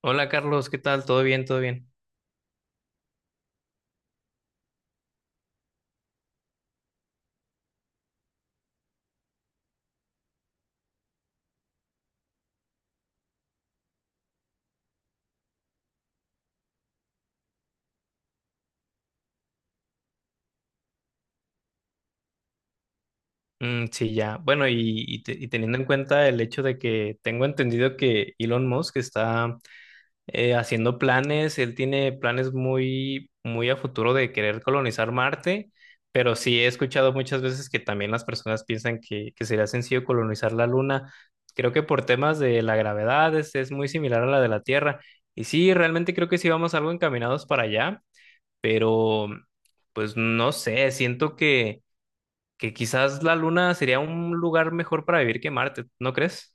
Hola Carlos, ¿qué tal? ¿Todo bien? ¿Todo bien? Mm, sí, ya. Bueno, y teniendo en cuenta el hecho de que tengo entendido que Elon Musk está haciendo planes. Él tiene planes muy, muy a futuro de querer colonizar Marte, pero sí he escuchado muchas veces que también las personas piensan que sería sencillo colonizar la Luna. Creo que por temas de la gravedad es muy similar a la de la Tierra. Y sí, realmente creo que sí vamos algo encaminados para allá, pero pues no sé, siento que quizás la Luna sería un lugar mejor para vivir que Marte, ¿no crees?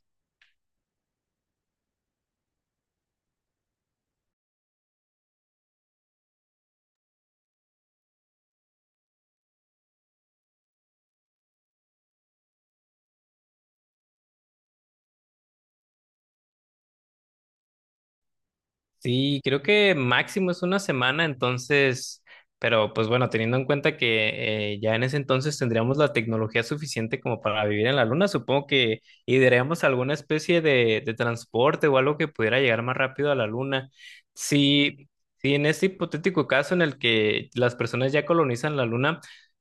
Sí, creo que máximo es una semana. Entonces, pero pues bueno, teniendo en cuenta que ya en ese entonces tendríamos la tecnología suficiente como para vivir en la Luna, supongo que idearíamos alguna especie de transporte o algo que pudiera llegar más rápido a la Luna. Si, si en este hipotético caso en el que las personas ya colonizan la Luna,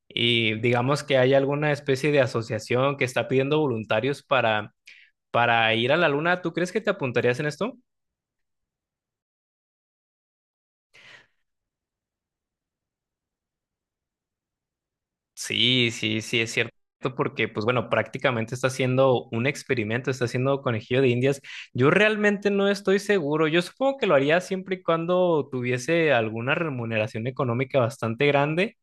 y digamos que hay alguna especie de asociación que está pidiendo voluntarios para ir a la Luna, ¿tú crees que te apuntarías en esto? Sí, sí, sí, es cierto, porque pues bueno, prácticamente está haciendo un experimento, está haciendo conejillo de indias. Yo realmente no estoy seguro, yo supongo que lo haría siempre y cuando tuviese alguna remuneración económica bastante grande.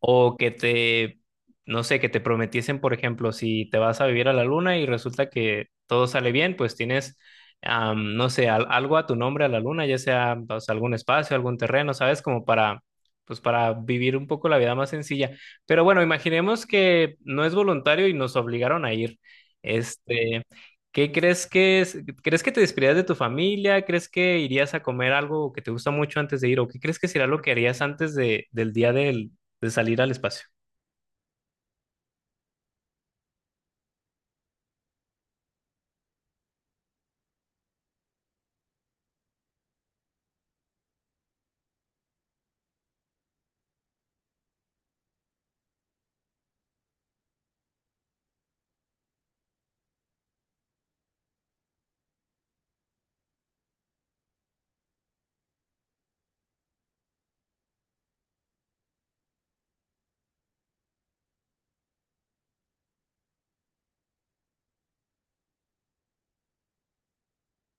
O que te, no sé, que te prometiesen, por ejemplo, si te vas a vivir a la Luna y resulta que todo sale bien, pues tienes, no sé, algo a tu nombre a la Luna, ya sea, o sea, algún espacio, algún terreno, ¿sabes? Como pues para vivir un poco la vida más sencilla. Pero bueno, imaginemos que no es voluntario y nos obligaron a ir. Este, ¿Qué crees que es? ¿Crees que te despedirías de tu familia? ¿Crees que irías a comer algo que te gusta mucho antes de ir? ¿O qué crees que será lo que harías antes del día de salir al espacio?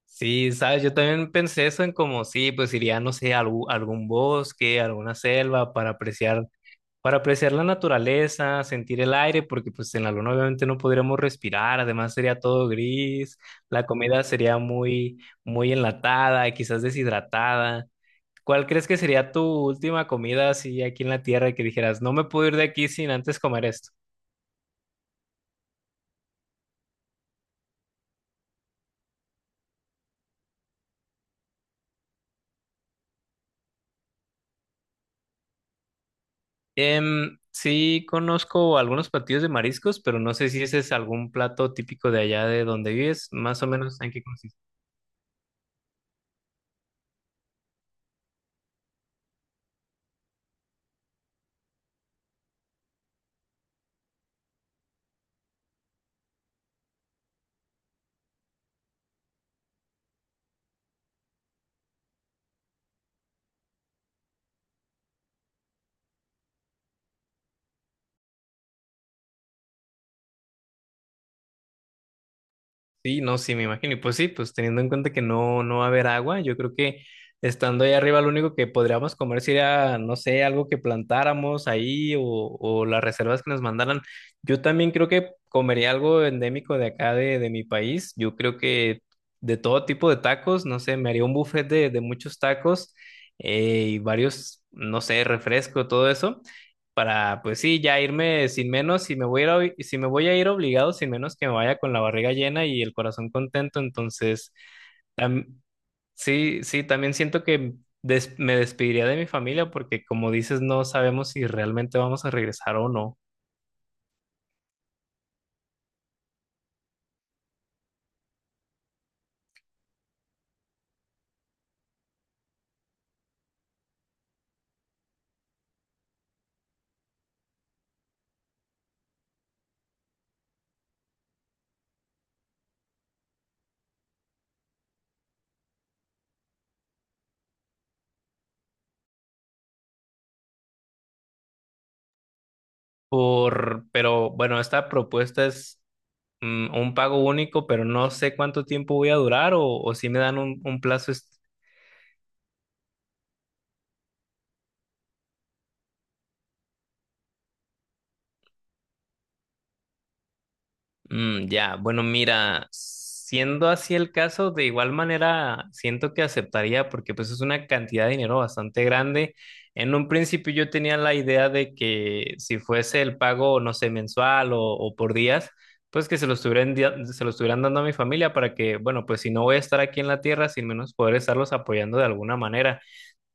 Sí, sabes, yo también pensé eso en como, sí, pues iría, no sé, a algún bosque, alguna selva para apreciar la naturaleza, sentir el aire, porque pues en la Luna obviamente no podríamos respirar. Además sería todo gris, la comida sería muy, muy enlatada, quizás deshidratada. ¿Cuál crees que sería tu última comida así aquí en la Tierra, que dijeras, no me puedo ir de aquí sin antes comer esto? Sí, conozco algunos platillos de mariscos, pero no sé si ese es algún plato típico de allá de donde vives. Más o menos, ¿en qué consiste? Sí, no, sí, me imagino. Y pues sí, pues teniendo en cuenta que no, no va a haber agua, yo creo que estando ahí arriba lo único que podríamos comer sería, no sé, algo que plantáramos ahí, o las reservas que nos mandaran. Yo también creo que comería algo endémico de acá de mi país. Yo creo que de todo tipo de tacos, no sé, me haría un buffet de muchos tacos, y varios, no sé, refresco, todo eso para, pues sí, ya irme sin menos, si me voy a ir, si me voy a ir obligado, sin menos que me vaya con la barriga llena y el corazón contento. Entonces sí, sí, también siento que me despediría de mi familia porque, como dices, no sabemos si realmente vamos a regresar o no. Pero bueno, esta propuesta es un pago único, pero no sé cuánto tiempo voy a durar, o si me dan un plazo. Mm, ya, bueno, mira, siendo así el caso, de igual manera siento que aceptaría, porque pues es una cantidad de dinero bastante grande. En un principio yo tenía la idea de que si fuese el pago, no sé, mensual, o por días, pues que se lo estuvieran dando a mi familia, para que, bueno, pues si no voy a estar aquí en la Tierra, sin menos poder estarlos apoyando de alguna manera.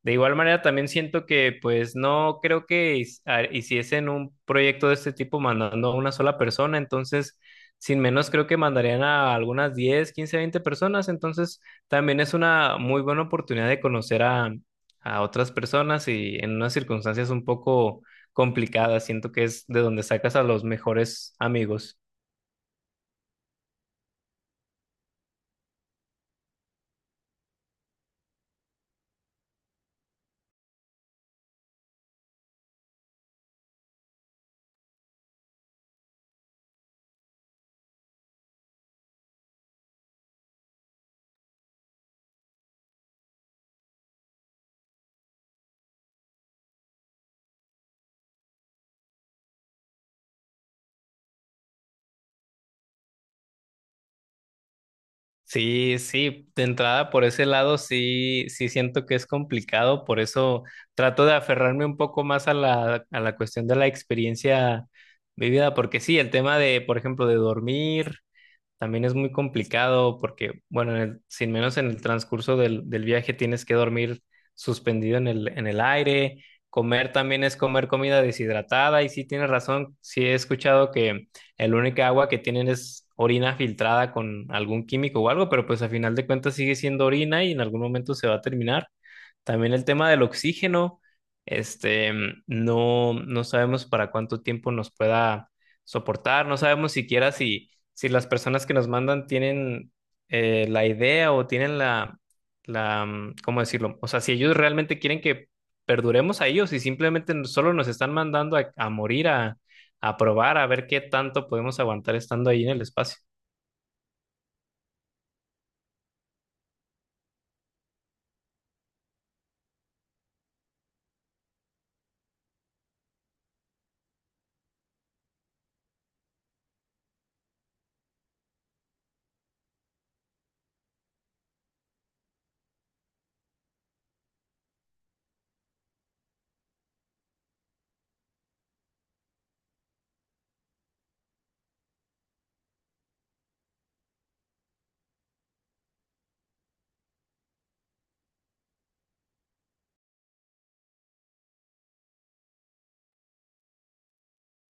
De igual manera, también siento que, pues, no creo que hiciesen un proyecto de este tipo mandando a una sola persona. Entonces, sin menos, creo que mandarían a algunas 10, 15, 20 personas. Entonces, también es una muy buena oportunidad de conocer a otras personas, y en unas circunstancias un poco complicadas, siento que es de donde sacas a los mejores amigos. Sí, sí, de entrada por ese lado sí, sí siento que es complicado. Por eso trato de aferrarme un poco más a la cuestión de la experiencia vivida, porque sí, el tema de, por ejemplo, de dormir, también es muy complicado porque, bueno, en el, sin menos en el transcurso del viaje tienes que dormir suspendido en el aire. Comer también es comer comida deshidratada, y sí, tienes razón, sí he escuchado que el única agua que tienen es orina filtrada con algún químico o algo, pero pues a final de cuentas sigue siendo orina, y en algún momento se va a terminar. También el tema del oxígeno, este, no, no sabemos para cuánto tiempo nos pueda soportar, no sabemos siquiera si las personas que nos mandan tienen la idea, o tienen la, ¿cómo decirlo? O sea, si ellos realmente quieren que perduremos a ellos, y simplemente solo nos están mandando a morir, a probar, a ver qué tanto podemos aguantar estando ahí en el espacio.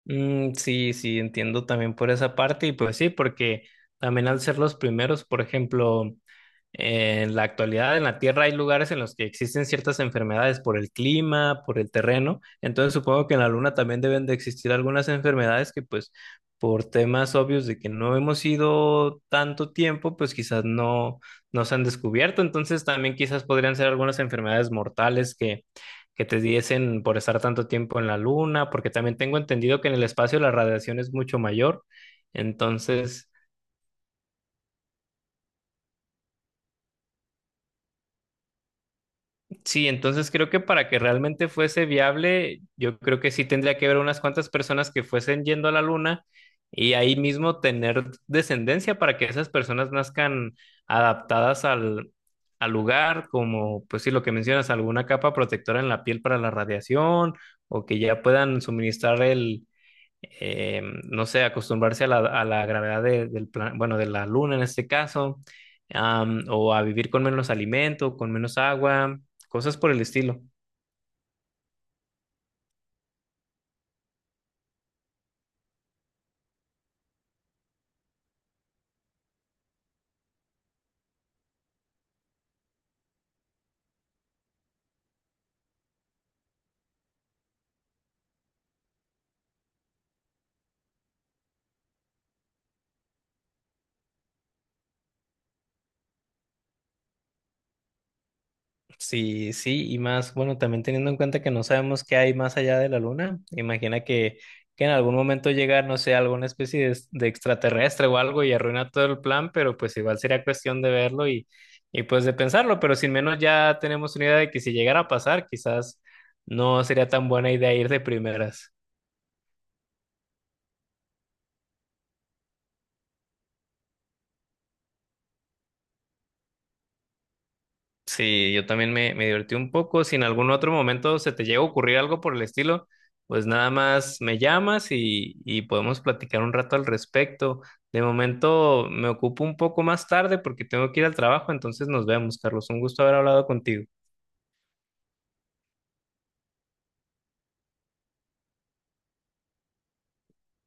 Mm, sí, sí, entiendo también por esa parte. Y pues sí, porque también al ser los primeros, por ejemplo, en la actualidad en la Tierra hay lugares en los que existen ciertas enfermedades por el clima, por el terreno. Entonces supongo que en la Luna también deben de existir algunas enfermedades que, pues, por temas obvios de que no hemos ido tanto tiempo, pues quizás no, no se han descubierto. Entonces también quizás podrían ser algunas enfermedades mortales que te diesen por estar tanto tiempo en la Luna, porque también tengo entendido que en el espacio la radiación es mucho mayor. Entonces, sí, entonces creo que para que realmente fuese viable, yo creo que sí tendría que haber unas cuantas personas que fuesen yendo a la Luna, y ahí mismo tener descendencia para que esas personas nazcan adaptadas al, al lugar, como pues sí lo que mencionas, alguna capa protectora en la piel para la radiación, o que ya puedan suministrar el, no sé, acostumbrarse a la gravedad bueno, de la Luna en este caso, o a vivir con menos alimento, con menos agua, cosas por el estilo. Sí, sí, y más, bueno, también teniendo en cuenta que no sabemos qué hay más allá de la Luna, imagina que en algún momento llega, no sé, alguna especie de extraterrestre o algo, y arruina todo el plan. Pero pues igual sería cuestión de verlo, y pues de pensarlo, pero sin menos ya tenemos una idea de que, si llegara a pasar, quizás no sería tan buena idea ir de primeras. Sí, yo también me divertí un poco. Si en algún otro momento se te llega a ocurrir algo por el estilo, pues nada más me llamas, y podemos platicar un rato al respecto. De momento me ocupo un poco más tarde porque tengo que ir al trabajo. Entonces nos vemos, Carlos. Un gusto haber hablado contigo.